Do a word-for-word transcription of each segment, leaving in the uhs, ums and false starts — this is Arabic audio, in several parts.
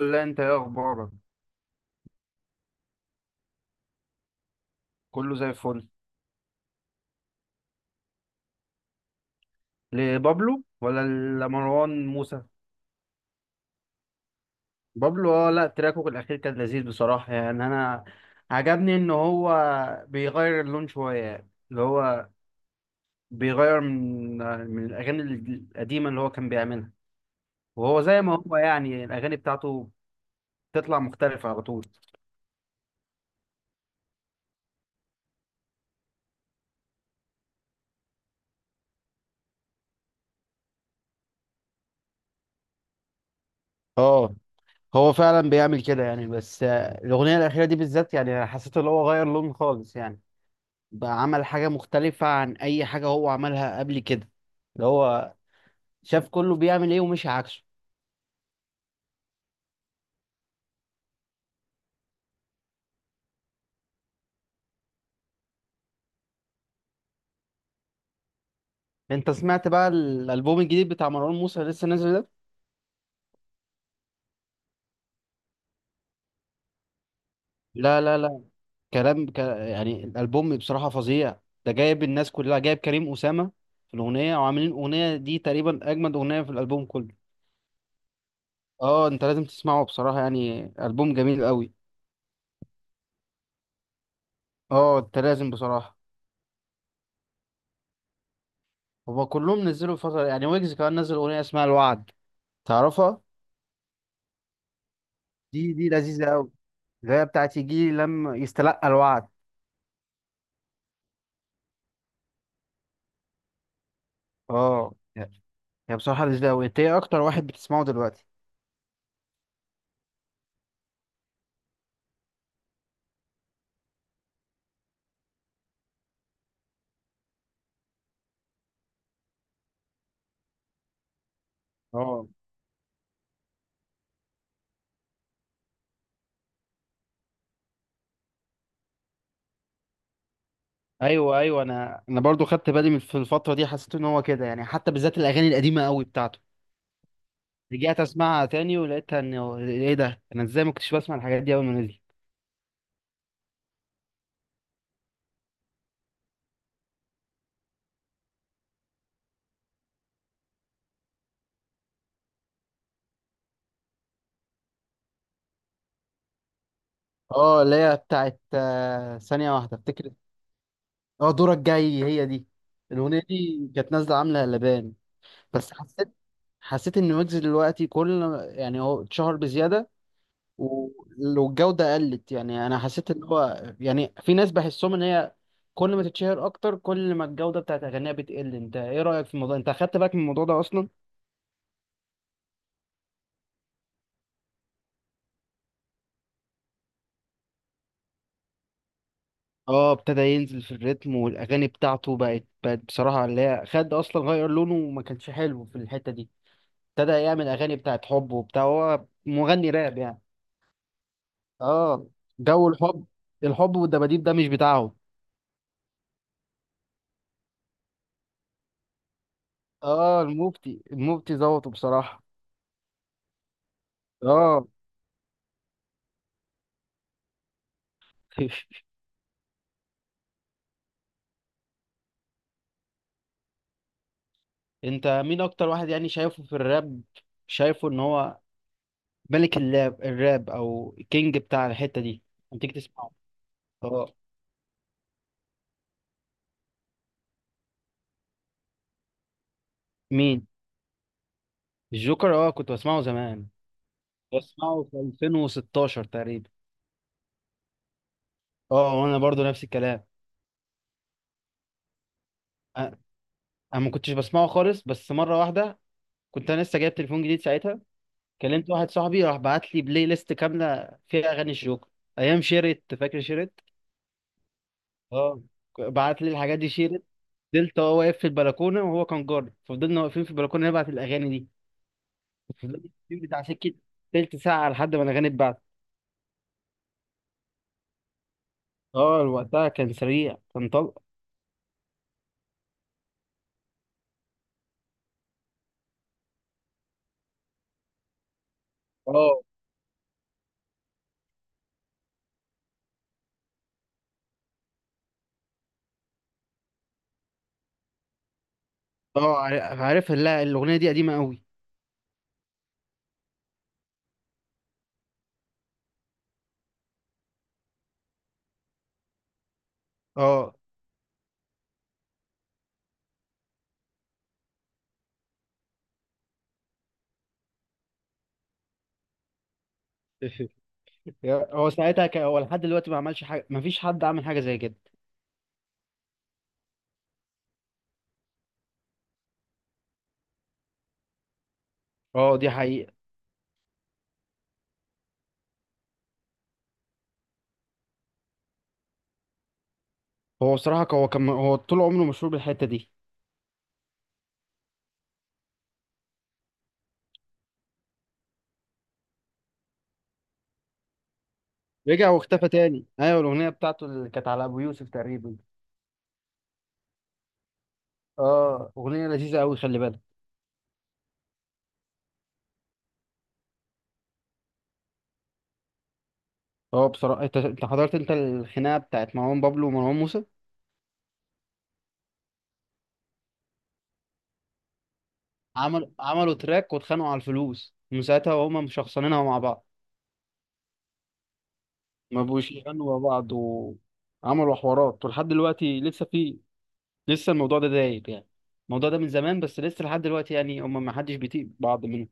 لا انت ايه اخبارك. كله زي الفل. لبابلو ولا لمروان موسى؟ بابلو، اه. لا تراكه الاخير كان لذيذ بصراحه، يعني انا عجبني ان هو بيغير اللون شويه، يعني اللي هو بيغير من من الاغاني القديمه اللي هو كان بيعملها، وهو زي ما هو يعني الاغاني بتاعته بتطلع مختلفه على طول. اه، هو فعلا بيعمل كده يعني، بس آه، الاغنيه الاخيره دي بالذات يعني حسيت ان هو غير لون خالص، يعني بقى عمل حاجة مختلفة عن أي حاجة هو عملها قبل كده، اللي هو شاف كله بيعمل إيه ومشي عكسه. أنت سمعت بقى الألبوم الجديد بتاع مروان موسى اللي لسه نازل ده؟ لا، لا، لا. كلام ك... يعني الألبوم بصراحة فظيع. ده جايب الناس كلها، جايب كريم أسامة في الأغنية، وعاملين الأغنية دي تقريبا أجمد أغنية في الألبوم كله. اه، انت لازم تسمعه بصراحة، يعني ألبوم جميل قوي. اه، انت لازم بصراحة. هما كلهم نزلوا فترة، يعني ويجز كمان نزل أغنية اسمها الوعد، تعرفها؟ دي دي لذيذة أوي. اللي هي بتاعت يجي لما يستلقى الوعد. اه، هي بصراحة لذيذة أوي. أنت إيه أكتر واحد بتسمعه دلوقتي؟ اه، ايوه ايوه، انا انا برضو خدت بالي من في الفتره دي، حسيت ان هو كده، يعني حتى بالذات الاغاني القديمه قوي بتاعته، رجعت اسمعها تاني ولقيتها ان هو- ايه ده، انا ازاي ما كنتش بسمع الحاجات دي اول ما نزل. اه، اللي هي بتاعت آه، ثانيه واحده افتكر. اه، دورك جاي، هي دي الاغنيه دي كانت نازله عامله قلبان. بس حسيت حسيت ان ويجز دلوقتي كل، يعني هو اتشهر بزياده ولو الجوده قلت، يعني انا حسيت ان هو يعني في ناس بحسهم ان هي كل ما تتشهر اكتر كل ما الجوده بتاعت اغانيها بتقل. انت ايه رايك في الموضوع، انت اخدت بالك من الموضوع ده اصلا؟ اه، ابتدى ينزل في الريتم، والاغاني بتاعته بقت بقت بصراحه اللي هي خد اصلا غير لونه وما كانش حلو في الحته دي. ابتدى يعمل اغاني بتاعت حب وبتاع، هو مغني راب يعني. اه، جو الحب، الحب والدباديب ده مش بتاعه. اه المفتي، المفتي ظبطه بصراحة. اه. انت مين اكتر واحد يعني شايفه في الراب، شايفه ان هو ملك اللاب الراب او كينج بتاع الحتة دي، لما تيجي تسمعه؟ اه، مين؟ الجوكر، اه كنت بسمعه زمان، بسمعه في ألفين وستة عشر تقريبا. اه، وانا برضو نفس الكلام. انا أنا ما كنتش بسمعه خالص، بس مرة واحدة كنت انا لسه جايب تليفون جديد ساعتها، كلمت واحد صاحبي راح بعت لي بلاي ليست كاملة فيها اغاني الجوكر ايام شيرت، فاكر شيرت؟ اه، بعت لي الحاجات دي شيرت. فضلت هو واقف في البلكونه وهو كان جاري، ففضلنا واقفين في البلكونه نبعت الاغاني دي، فضلنا واقفين بتاع سكه تلت ساعه لحد ما الاغاني اتبعت. اه، وقتها كان سريع كان طلق. اه. اه عار- عارف، لا الاغنيه دي قديمه قوي. اه. يا- هو ساعتها ك... هو لحد دلوقتي ما عملش حاجه، ما فيش حد عمل حاجه زي كده. اه دي حقيقه. هو بصراحه ك- هو كان، هو طول عمره مشهور بالحته دي. رجع واختفى تاني، ايوه الاغنيه بتاعته اللي كانت على ابو يوسف تقريبا. اه اغنيه لذيذه قوي، خلي بالك. هو بصراحة، انت انت حضرت انت الخناقة بتاعت مروان بابلو ومروان موسى؟ عمل عملوا تراك واتخانقوا على الفلوس، من ساعتها وهما مشخصنينها مع بعض، ما بقوش يغنوا مع بعض وعملوا حوارات ولحد دلوقتي لسه في، لسه الموضوع ده دايب يعني، الموضوع ده من زمان بس لسه لحد دلوقتي يعني هما ما حدش بيطيق بعض منهم.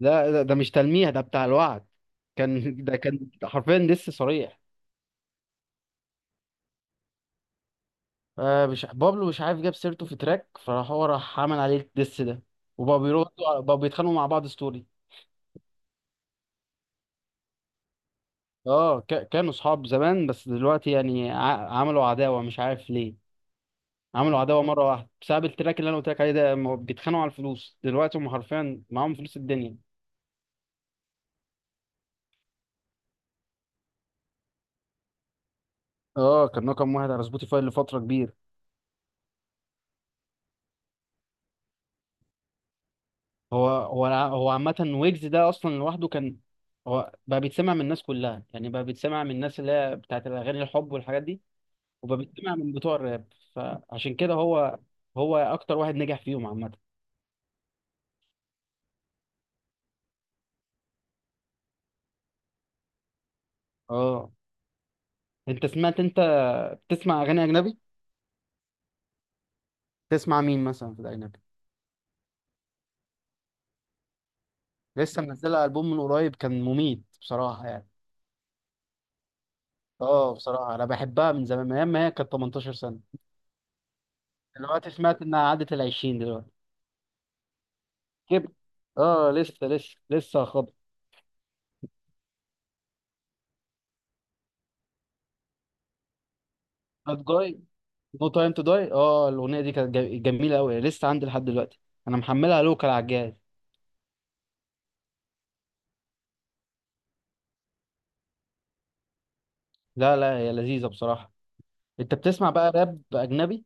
لا ده, ده مش تلميح، ده بتاع الوعد. كان ده كان حرفيا دس صريح. آه، مش بابلو مش عارف جاب سيرته في تراك، فراح هو راح عمل عليه الدس ده. وبقوا بيردوا بقوا بيتخانقوا مع بعض ستوري. اه ك- كانوا اصحاب زمان، بس دلوقتي يعني ع- عملوا عداوه مش عارف ليه. عملوا عداوه مره واحده بسبب التراك اللي انا قلت لك عليه ده. هم بيتخانقوا على الفلوس دلوقتي، هم حرفيا معاهم فلوس الدنيا. اه، كان رقم واحد على سبوتيفاي لفتره كبيره. هو هو الع- هو عامه، ويجز ده اصلا لوحده كان، هو بقى بيتسمع من الناس كلها، يعني بقى بيتسمع من الناس اللي هي بتاعت الاغاني الحب والحاجات دي، وبقى بيتسمع من بتوع الراب، فعشان كده هو هو اكتر واحد نجح فيهم عامه. اه، انت سمعت؟ انت بتسمع اغاني اجنبي؟ تسمع مين مثلا في الاجنبي؟ لسه منزله البوم من قريب كان مميت بصراحه يعني. اه بصراحه، انا بحبها من زمان من ايام ما هي كانت تمنتاشر سنه. دلوقتي سمعت انها عدت ال العشرين دلوقتي كبر. اه لسه لسه لسه خبط. نوت جاي، نو تايم تو داي، اه الاغنيه دي كانت جا- جميله قوي. لسه عندي لحد دلوقتي، انا محملها لوكال على الجهاز. لا لا، هي لذيذه بصراحه. انت بتسمع بقى راب اجنبي؟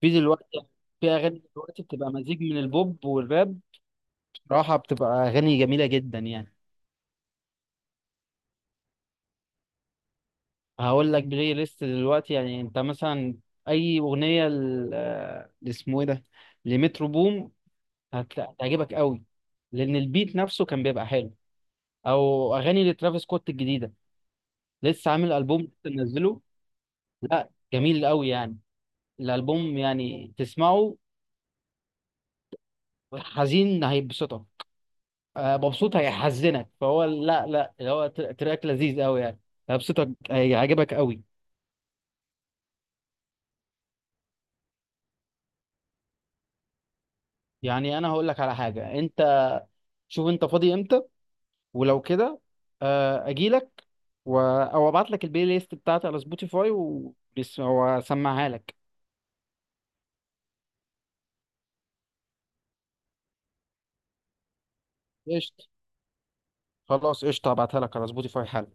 في دلوقتي في اغاني دلوقتي بتبقى مزيج من البوب والراب، بصراحه بتبقى اغاني جميله جدا يعني. هقول لك بلاي ليست دلوقتي يعني، انت مثلا اي اغنيه ل- آه، اسمه ايه ده، لمترو بوم هت- هتعجبك قوي، لان البيت نفسه كان بيبقى حلو. او اغاني لترافيس سكوت الجديده، لسه عامل البوم لسه منزله. لا جميل قوي يعني، الالبوم يعني تسمعه حزين هيبسطك، آه، مبسوط هيحزنك، فهو لا لا اللي هو تر- تراك لذيذ قوي يعني. هيبسطك هيعجبك قوي. يعني انا هقول لك على حاجه. انت شوف انت فاضي امتى، ولو كده آه، اجيلك، و... او ابعت لك البلاي ليست بتاعتي على سبوتيفاي و... بس- واسمعها لك. قشطة. خلاص قشطة هبعتها لك على سبوتيفاي حالا.